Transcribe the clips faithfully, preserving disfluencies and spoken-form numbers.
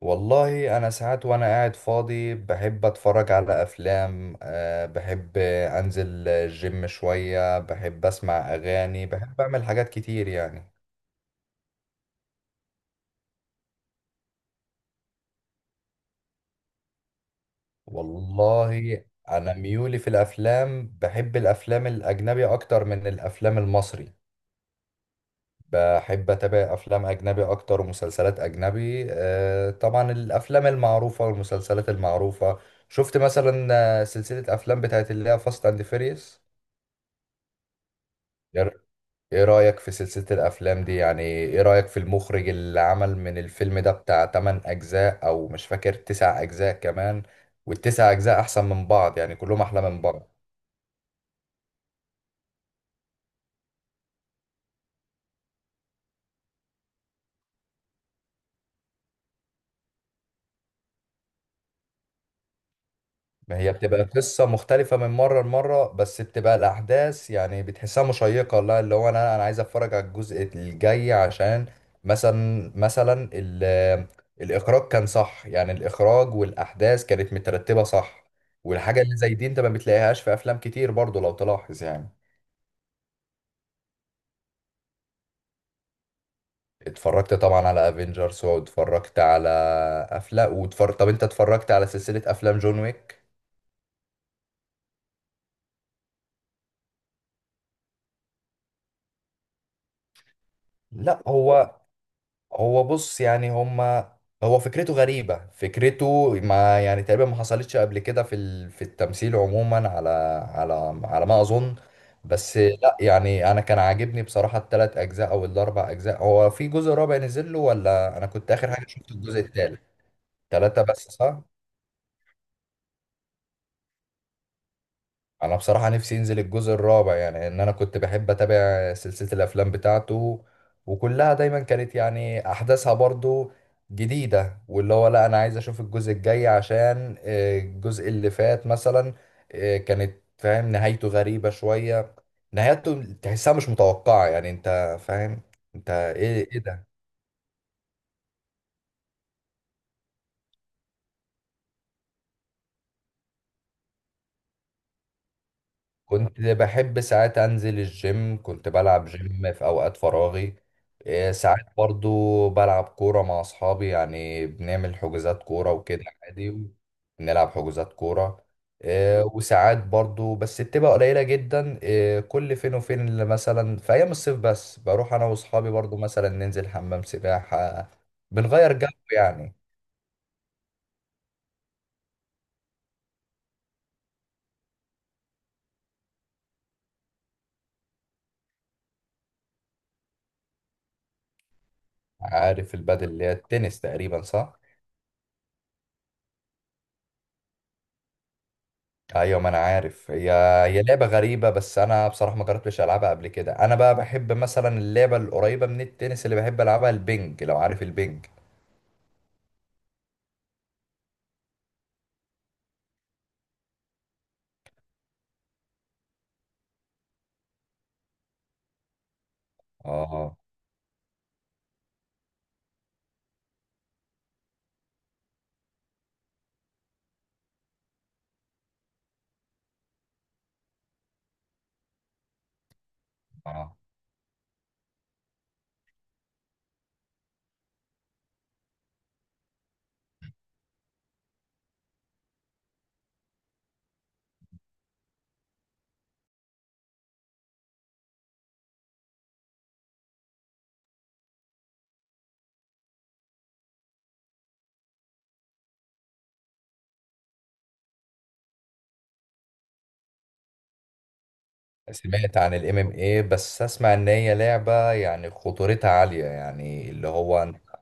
والله انا ساعات وانا قاعد فاضي بحب اتفرج على افلام، أه بحب انزل الجيم شوية، بحب اسمع اغاني، بحب اعمل حاجات كتير يعني. والله انا ميولي في الافلام بحب الافلام الاجنبي اكتر من الافلام المصري. بحب اتابع افلام اجنبي اكتر ومسلسلات اجنبي، أه طبعا الافلام المعروفة والمسلسلات المعروفة. شفت مثلا آه، سلسلة افلام بتاعت اللي هي فاست اند فيريوس. ايه رأيك في سلسلة الافلام دي؟ يعني ايه رأيك في المخرج اللي عمل من الفيلم ده بتاع تمن اجزاء، او مش فاكر تسع اجزاء كمان؟ والتسع اجزاء احسن من بعض يعني، كلهم احلى من بعض. ما هي بتبقى قصة مختلفة من مرة لمرة، بس بتبقى الاحداث يعني بتحسها مشيقة، لا اللي هو انا انا عايز اتفرج على الجزء الجاي عشان مثلا مثلا ال- الاخراج كان صح، يعني الاخراج والاحداث كانت مترتبة صح. والحاجة اللي زي دي انت ما بتلاقيهاش في افلام كتير برضو لو تلاحظ يعني. اتفرجت طبعا على افنجرز واتفرجت على افلام، واتفرج، طب انت اتفرجت على سلسلة افلام جون ويك؟ لا هو هو بص يعني هما، هو فكرته غريبة، فكرته ما يعني تقريبا ما حصلتش قبل كده في ال... في التمثيل عموما، على على على ما اظن. بس لا يعني انا كان عاجبني بصراحة الثلاث اجزاء او الاربع اجزاء. هو في جزء رابع نزل له ولا انا كنت اخر حاجة شفت الجزء الثالث؟ ثلاثة بس صح. انا بصراحة نفسي ينزل الجزء الرابع، يعني ان انا كنت بحب اتابع سلسلة الافلام بتاعته وكلها دايما كانت يعني احداثها برضو جديدة. واللي هو لا انا عايز اشوف الجزء الجاي عشان، آه، الجزء اللي فات مثلا، آه، كانت فاهم نهايته غريبة شوية، نهايته تحسها مش متوقعة يعني انت فاهم. انت ايه ايه ده؟ كنت بحب ساعات انزل الجيم، كنت بلعب جيم في اوقات فراغي. إيه، ساعات برضو بلعب كورة مع اصحابي، يعني بنعمل حجوزات كورة وكده عادي. بنلعب حجوزات كورة. إيه، وساعات برضو بس بتبقى قليلة جدا، إيه، كل فين وفين، اللي مثلا في ايام الصيف بس، بروح انا واصحابي برضو مثلا ننزل حمام سباحة، بنغير جو يعني. عارف البادل اللي هي التنس تقريبا صح؟ ايوه ما انا عارف. هي هي لعبه غريبه، بس انا بصراحه ما جربتش العبها قبل كده. انا بقى بحب مثلا اللعبه القريبه من التنس، اللي بحب العبها البنج لو عارف البنج. اه، اه. سمعت عن الام ام اي، بس اسمع ان هي لعبه يعني خطورتها عاليه، يعني اللي هو أنت-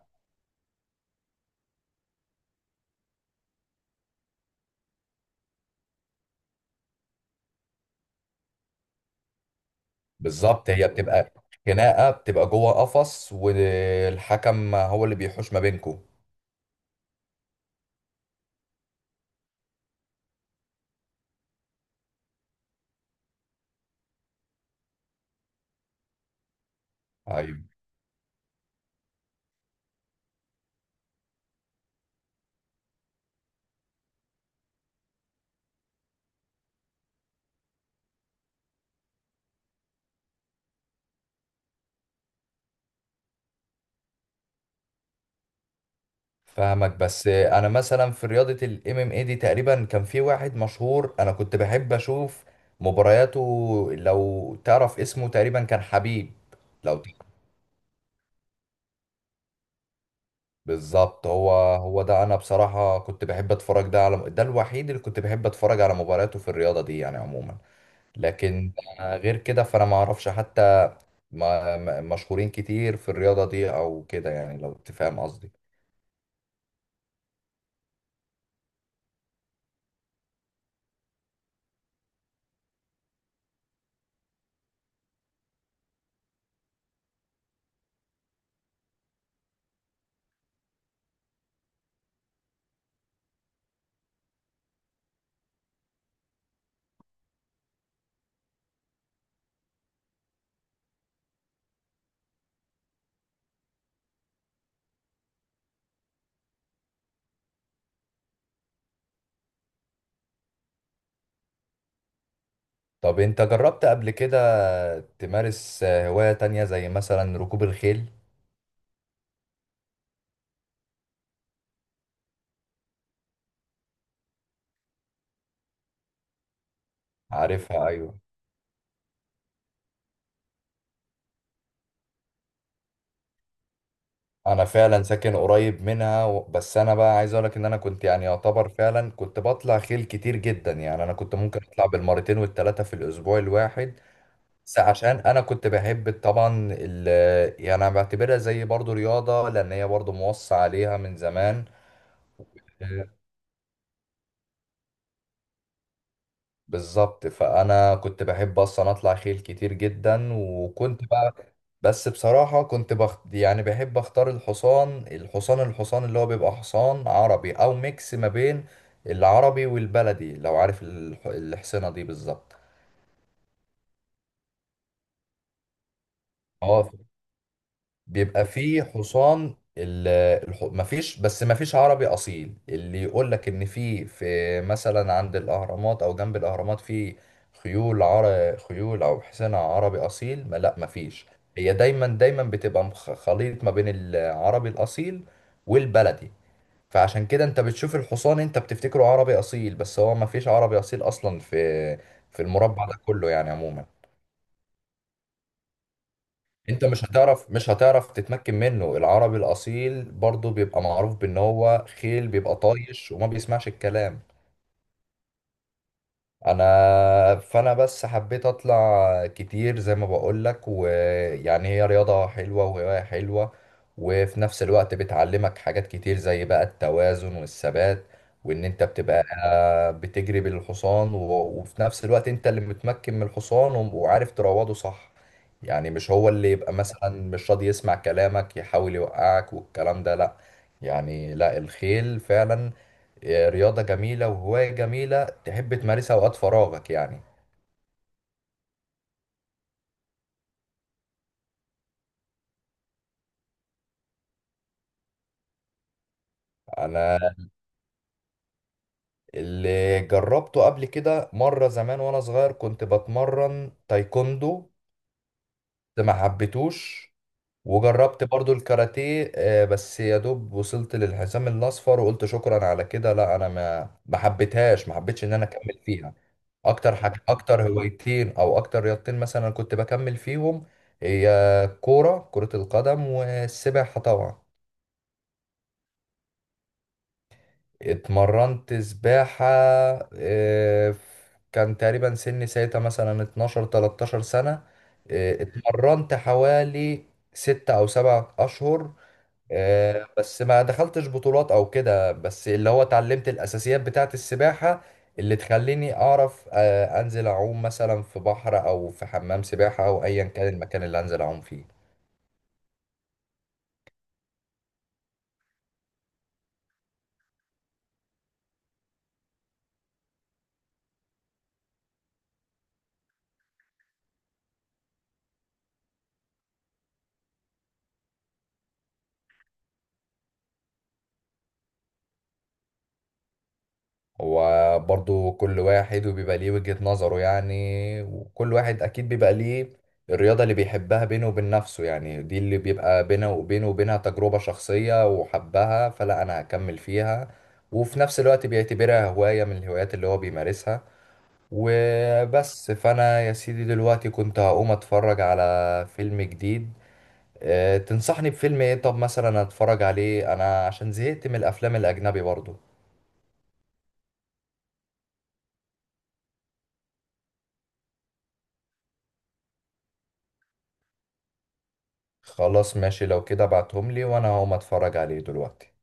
بالظبط. هي بتبقى خناقه، بتبقى جوه قفص والحكم هو اللي بيحوش ما بينكم. ايوه، فاهمك. بس انا مثلا في رياضة الام ام اي دي تقريبا كان في واحد مشهور، انا كنت بحب اشوف مبارياته، لو تعرف اسمه تقريبا كان حبيب. لو ت- بالظبط هو، هو ده. انا بصراحة كنت بحب اتفرج ده على ده الوحيد اللي كنت بحب اتفرج على مبارياته في الرياضة دي يعني عموما. لكن غير كده فانا ما اعرفش حتى ما- ما- مشهورين كتير في الرياضة دي او كده يعني لو تفهم قصدي. طب انت جربت قبل كده تمارس هواية تانية زي مثلا ركوب الخيل؟ عارفها، ايوه. انا فعلا ساكن قريب منها و- بس انا بقى عايز اقولك ان انا كنت يعني يعتبر فعلا كنت بطلع خيل كتير جدا، يعني انا كنت ممكن اطلع بالمرتين والتلاتة في الاسبوع الواحد. بس عشان انا كنت بحب طبعا ال يعني انا بعتبرها زي برضو رياضة لان هي برضو موصى عليها من زمان. بالظبط، فانا كنت بحب اصلا اطلع خيل كتير جدا وكنت بقى. بس بصراحة كنت بخت... يعني بحب اختار الحصان، الحصان الحصان اللي هو بيبقى حصان عربي او ميكس ما بين العربي والبلدي، لو عارف الح... الحصانة دي بالظبط. اه، بيبقى فيه حصان ال- الح... مفيش، بس مفيش عربي أصيل اللي يقول لك إن في في مثلا عند الأهرامات أو جنب الأهرامات في خيول عر... خيول أو حصان عربي أصيل، ما، لا مفيش. هي دايما دايما بتبقى مخ- خليط ما بين العربي الأصيل والبلدي. فعشان كده أنت بتشوف الحصان، أنت بتفتكره عربي أصيل، بس هو مفيش عربي أصيل أصلا في في المربع ده كله يعني عموما. انت مش هتعرف، مش هتعرف تتمكن منه. العربي الاصيل برضه بيبقى معروف بان هو خيل بيبقى طايش وما بيسمعش الكلام. انا فانا بس حبيت اطلع كتير زي ما بقولك، ويعني هي رياضة حلوة وهواية حلوة. وفي نفس الوقت بتعلمك حاجات كتير زي بقى التوازن والثبات، وان انت بتبقى بتجري بالحصان و- وفي نفس الوقت انت اللي متمكن من الحصان و- وعارف تروضه صح. يعني مش هو اللي يبقى مثلا مش راضي يسمع كلامك يحاول يوقعك والكلام ده، لا يعني لا الخيل فعلا آه، رياضة جميلة وهواية جميلة، تحب تمارسها اوقات فراغك يعني. انا اللي جربته قبل كده مره زمان وانا صغير كنت بتمرن تايكوندو، بس ما حبيتوش. وجربت برضو الكاراتيه، آه، بس يا دوب وصلت للحزام الاصفر وقلت شكرا على كده، لا انا ما ما حبيتهاش، ما حبيتش ان انا اكمل فيها. اكتر حاجه، اكتر هوايتين او اكتر رياضتين مثلا كنت بكمل فيهم، هي كوره، كره القدم والسباحه طبعا. اتمرنت سباحة، آه، ف- كان تقريبا سني ساعتها مثلا اتناشر تلتاشر سنة. آه، اتمرنت حوالي ستة أو سبع أشهر. آه، بس ما دخلتش بطولات أو كده، بس اللي هو اتعلمت الأساسيات بتاعة السباحة اللي تخليني أعرف آه، أنزل أعوم مثلا في بحر أو في حمام سباحة أو أيا كان المكان اللي أنزل أعوم فيه. هو برضو كل واحد وبيبقى ليه وجهة نظره يعني، وكل واحد أكيد بيبقى ليه الرياضة اللي بيحبها بينه وبين نفسه. يعني دي اللي بيبقى بينه وبينه وبينها تجربة شخصية وحبها، فلا أنا هكمل فيها وفي نفس الوقت بيعتبرها هواية من الهوايات اللي هو بيمارسها. وبس، فأنا يا سيدي دلوقتي كنت هقوم أتفرج على فيلم جديد. أه، تنصحني بفيلم ايه طب مثلا اتفرج عليه انا عشان زهقت من الافلام الاجنبي برضو؟ خلاص ماشي، لو كده ابعتهم لي وانا هقوم اتفرج عليه دلوقتي.